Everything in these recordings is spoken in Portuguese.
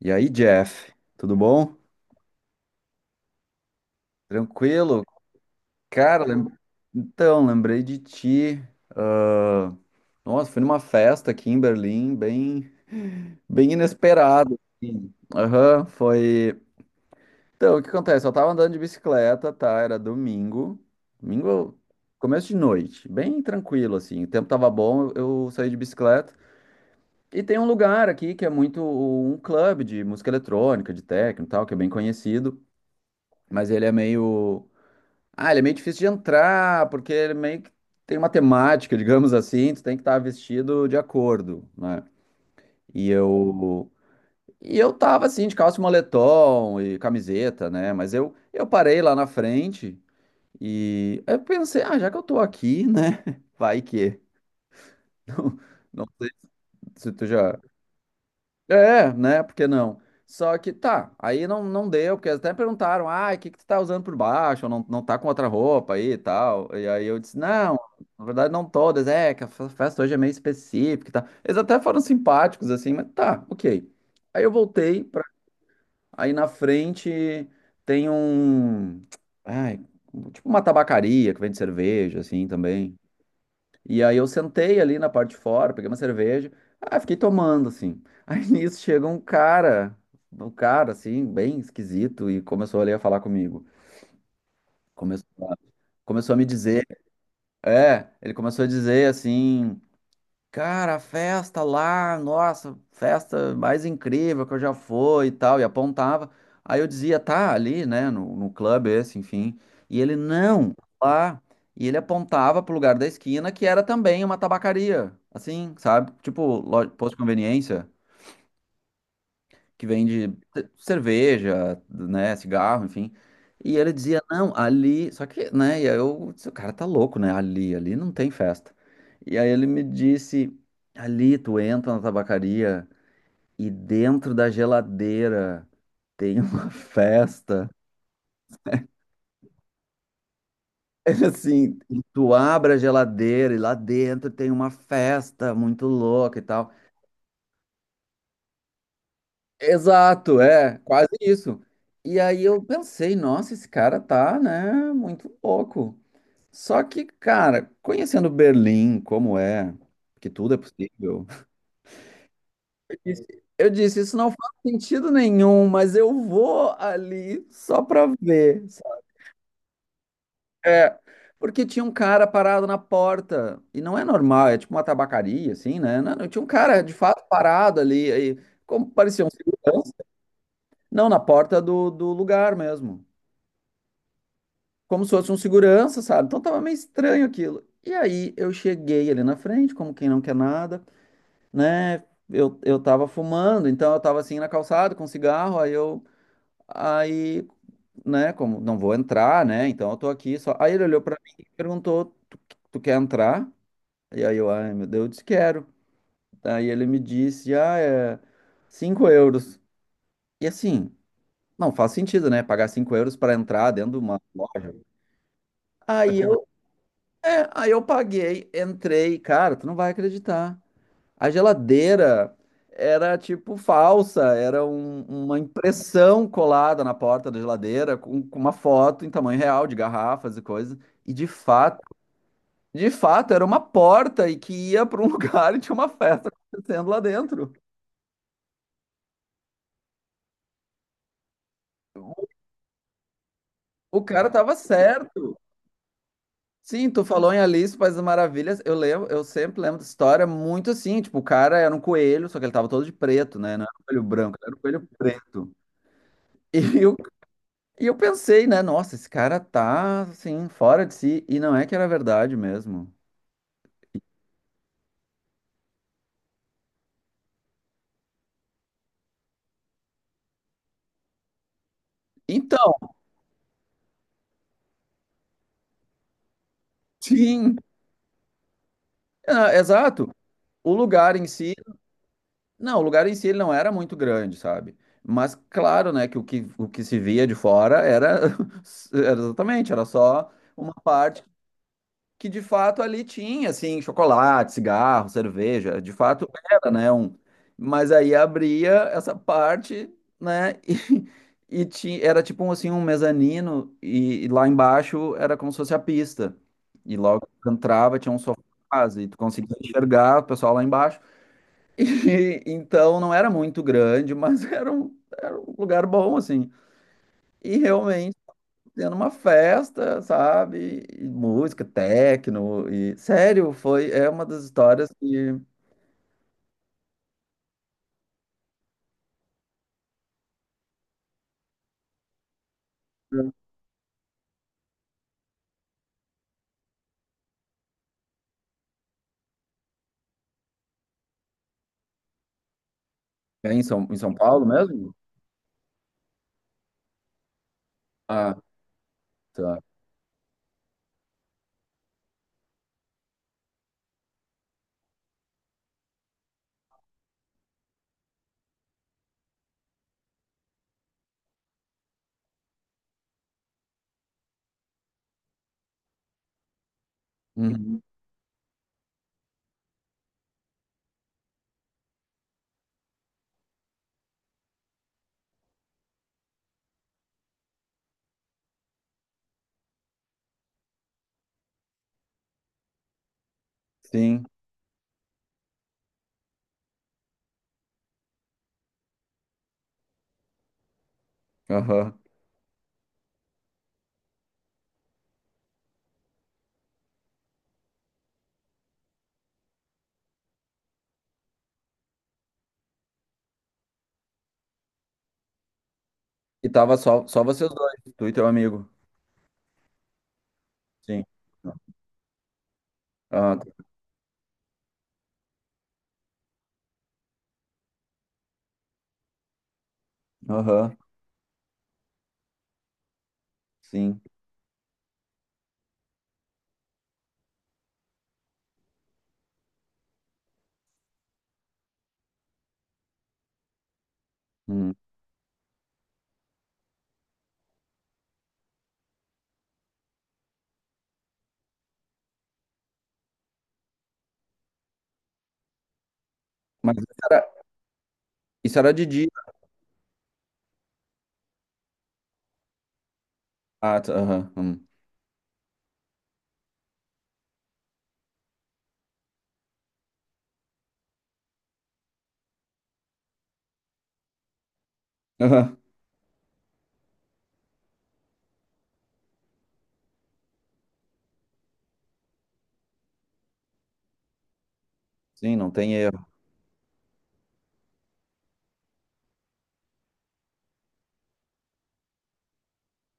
E aí, Jeff, tudo bom? Tranquilo? Cara, então, lembrei de ti. Ah, nossa, fui numa festa aqui em Berlim, bem, bem inesperado assim. Aham, foi. Então, o que acontece? Eu tava andando de bicicleta, tá? Era domingo. Domingo, começo de noite, bem tranquilo, assim. O tempo tava bom, eu saí de bicicleta. E tem um lugar aqui que é muito um clube de música eletrônica, de techno e tal, que é bem conhecido, mas ele é meio. Ah, ele é meio difícil de entrar, porque ele meio que tem uma temática, digamos assim, tu tem que estar vestido de acordo, né? E eu e eu tava assim de calça e moletom e camiseta, né? Mas eu parei lá na frente e eu pensei, ah, já que eu tô aqui, né? Vai que não, não sei se tu já É, né? Por que não? Só que tá, aí não, não deu, porque eles até perguntaram, ah, o que que tu tá usando por baixo? Ou não, não tá com outra roupa aí e tal. E aí eu disse, não, na verdade não todas, é, que a festa hoje é meio específica e tal. Eles até foram simpáticos, assim, mas tá, ok. Aí eu voltei pra. Aí na frente tem um. Ai, tipo uma tabacaria que vende cerveja, assim, também. E aí eu sentei ali na parte de fora, peguei uma cerveja, ah, fiquei tomando, assim. Aí nisso chega um cara, assim, bem esquisito, e começou ali a falar comigo. Começou a, começou a me dizer, é, ele começou a dizer, assim, cara, a festa lá, nossa, festa mais incrível que eu já fui e tal, e apontava. Aí eu dizia, tá ali, né, no clube esse, enfim. E ele, não, lá. E ele apontava pro lugar da esquina, que era também uma tabacaria, assim, sabe? Tipo, posto de conveniência que vende cerveja, né, cigarro, enfim. E ele dizia, não, ali, só que, né, e aí eu disse, o cara tá louco, né, ali não tem festa. E aí ele me disse, ali tu entra na tabacaria e dentro da geladeira tem uma festa. Ele assim, tu abre a geladeira e lá dentro tem uma festa muito louca e tal. Exato, é, quase isso. E aí eu pensei, nossa, esse cara tá, né, muito louco. Só que, cara, conhecendo Berlim, como é, que tudo é possível, eu disse, isso não faz sentido nenhum, mas eu vou ali só pra ver, sabe? É, porque tinha um cara parado na porta, e não é normal, é tipo uma tabacaria, assim, né? Não, não, tinha um cara, de fato, parado ali, aí, como parecia um segurança, não, na porta do lugar mesmo. Como se fosse um segurança, sabe? Então tava meio estranho aquilo. E aí eu cheguei ali na frente, como quem não quer nada, né? Eu tava fumando, então eu tava assim na calçada com cigarro, aí, né, como não vou entrar, né? Então eu tô aqui só. Aí ele olhou pra mim e perguntou: tu, quer entrar? E aí eu, ai meu Deus, eu disse: quero. Aí ele me disse: ah, é 5 euros. E assim, não faz sentido, né? Pagar 5 euros pra entrar dentro de uma loja. Aí eu Aí eu paguei, entrei, cara, tu não vai acreditar. A geladeira era tipo falsa, era uma impressão colada na porta da geladeira com uma foto em tamanho real de garrafas e coisas. E de fato, era uma porta e que ia para um lugar e tinha uma festa acontecendo lá dentro. O cara tava certo. Sim, tu falou em Alice País das Maravilhas. Eu lembro, eu sempre lembro dessa história muito assim. Tipo, o cara era um coelho, só que ele tava todo de preto, né? Não era um coelho branco, era um coelho preto. E eu, e eu pensei, né? Nossa, esse cara tá assim, fora de si. E não é que era verdade mesmo. Então, sim, é, exato. O lugar em si, não, o lugar em si ele não era muito grande, sabe? Mas claro, né, que o que, se via de fora era, era exatamente, era só uma parte que de fato ali tinha assim chocolate, cigarro, cerveja, de fato era, né, um, mas aí abria essa parte, né, e tinha, era tipo um, assim um mezanino e lá embaixo era como se fosse a pista. E logo que tu entrava tinha um sofás e tu conseguia enxergar o pessoal lá embaixo. E então não era muito grande, mas era um lugar bom assim. E realmente tendo uma festa, sabe? E música, techno, e sério, foi é uma das histórias que é em São Paulo mesmo? Ah, tá. Uhum. Sim. Aham. E tava só vocês dois, tu e teu amigo. Sim. Ah, tá. Aham. Sim. Hum. Mas isso era de dia. Ah, tá. Aham. Hum. Aham. Sim, não tem erro.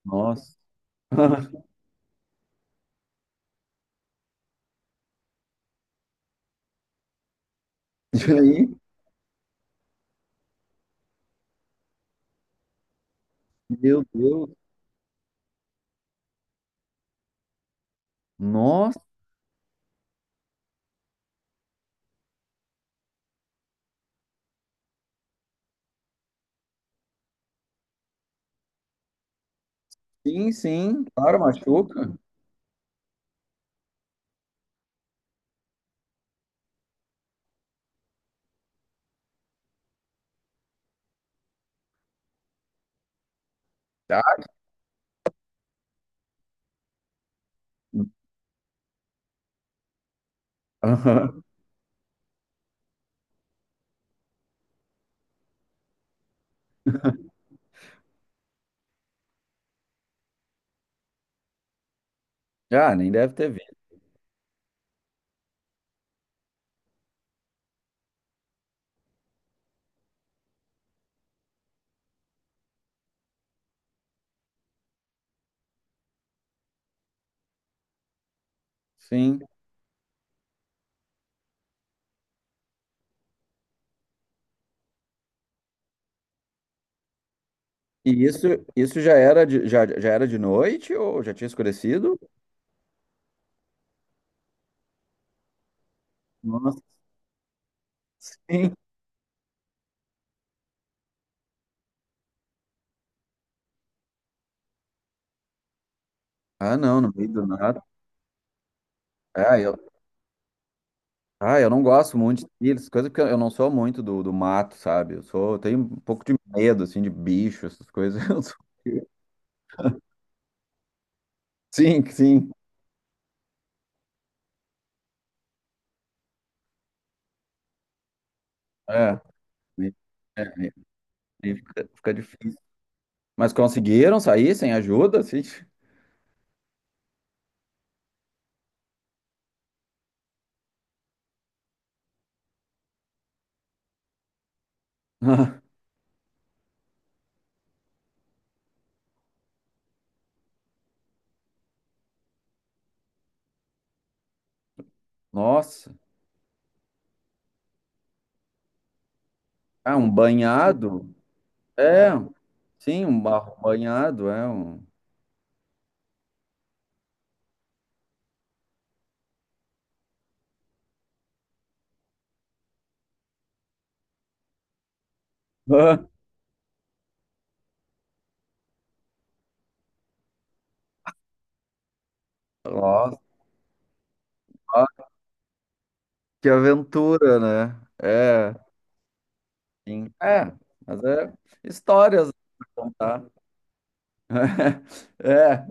Nossa. E aí? Meu Deus. Nossa. Sim, sim. Claro, machuca. Tá. Aham. Ah, nem deve ter visto. Sim. E isso já era de noite ou já tinha escurecido? Nossa, sim. Ah, não, no meio do nada. Ah, eu, eu não gosto muito de trilhas, coisa porque eu não sou muito do mato, sabe? Eu tenho um pouco de medo, assim, de bicho, essas coisas. Sim, sim. É. E- é, e fica difícil. Mas conseguiram sair sem ajuda, assim? Ah, nossa. Ah, um banhado? É, sim, um barro banhado, é um. Ah, nossa, que aventura, né? É, sim. É, mas é histórias pra contar. É,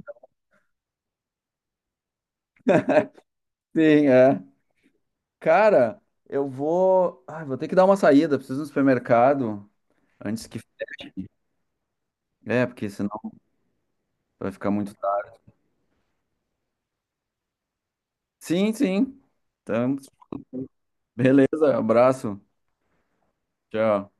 sim, é. Cara, eu vou. Ai, vou ter que dar uma saída, preciso ir no supermercado antes que. Fique. É, porque senão vai ficar muito tarde. Sim, sim. Então, beleza, abraço. Tchau.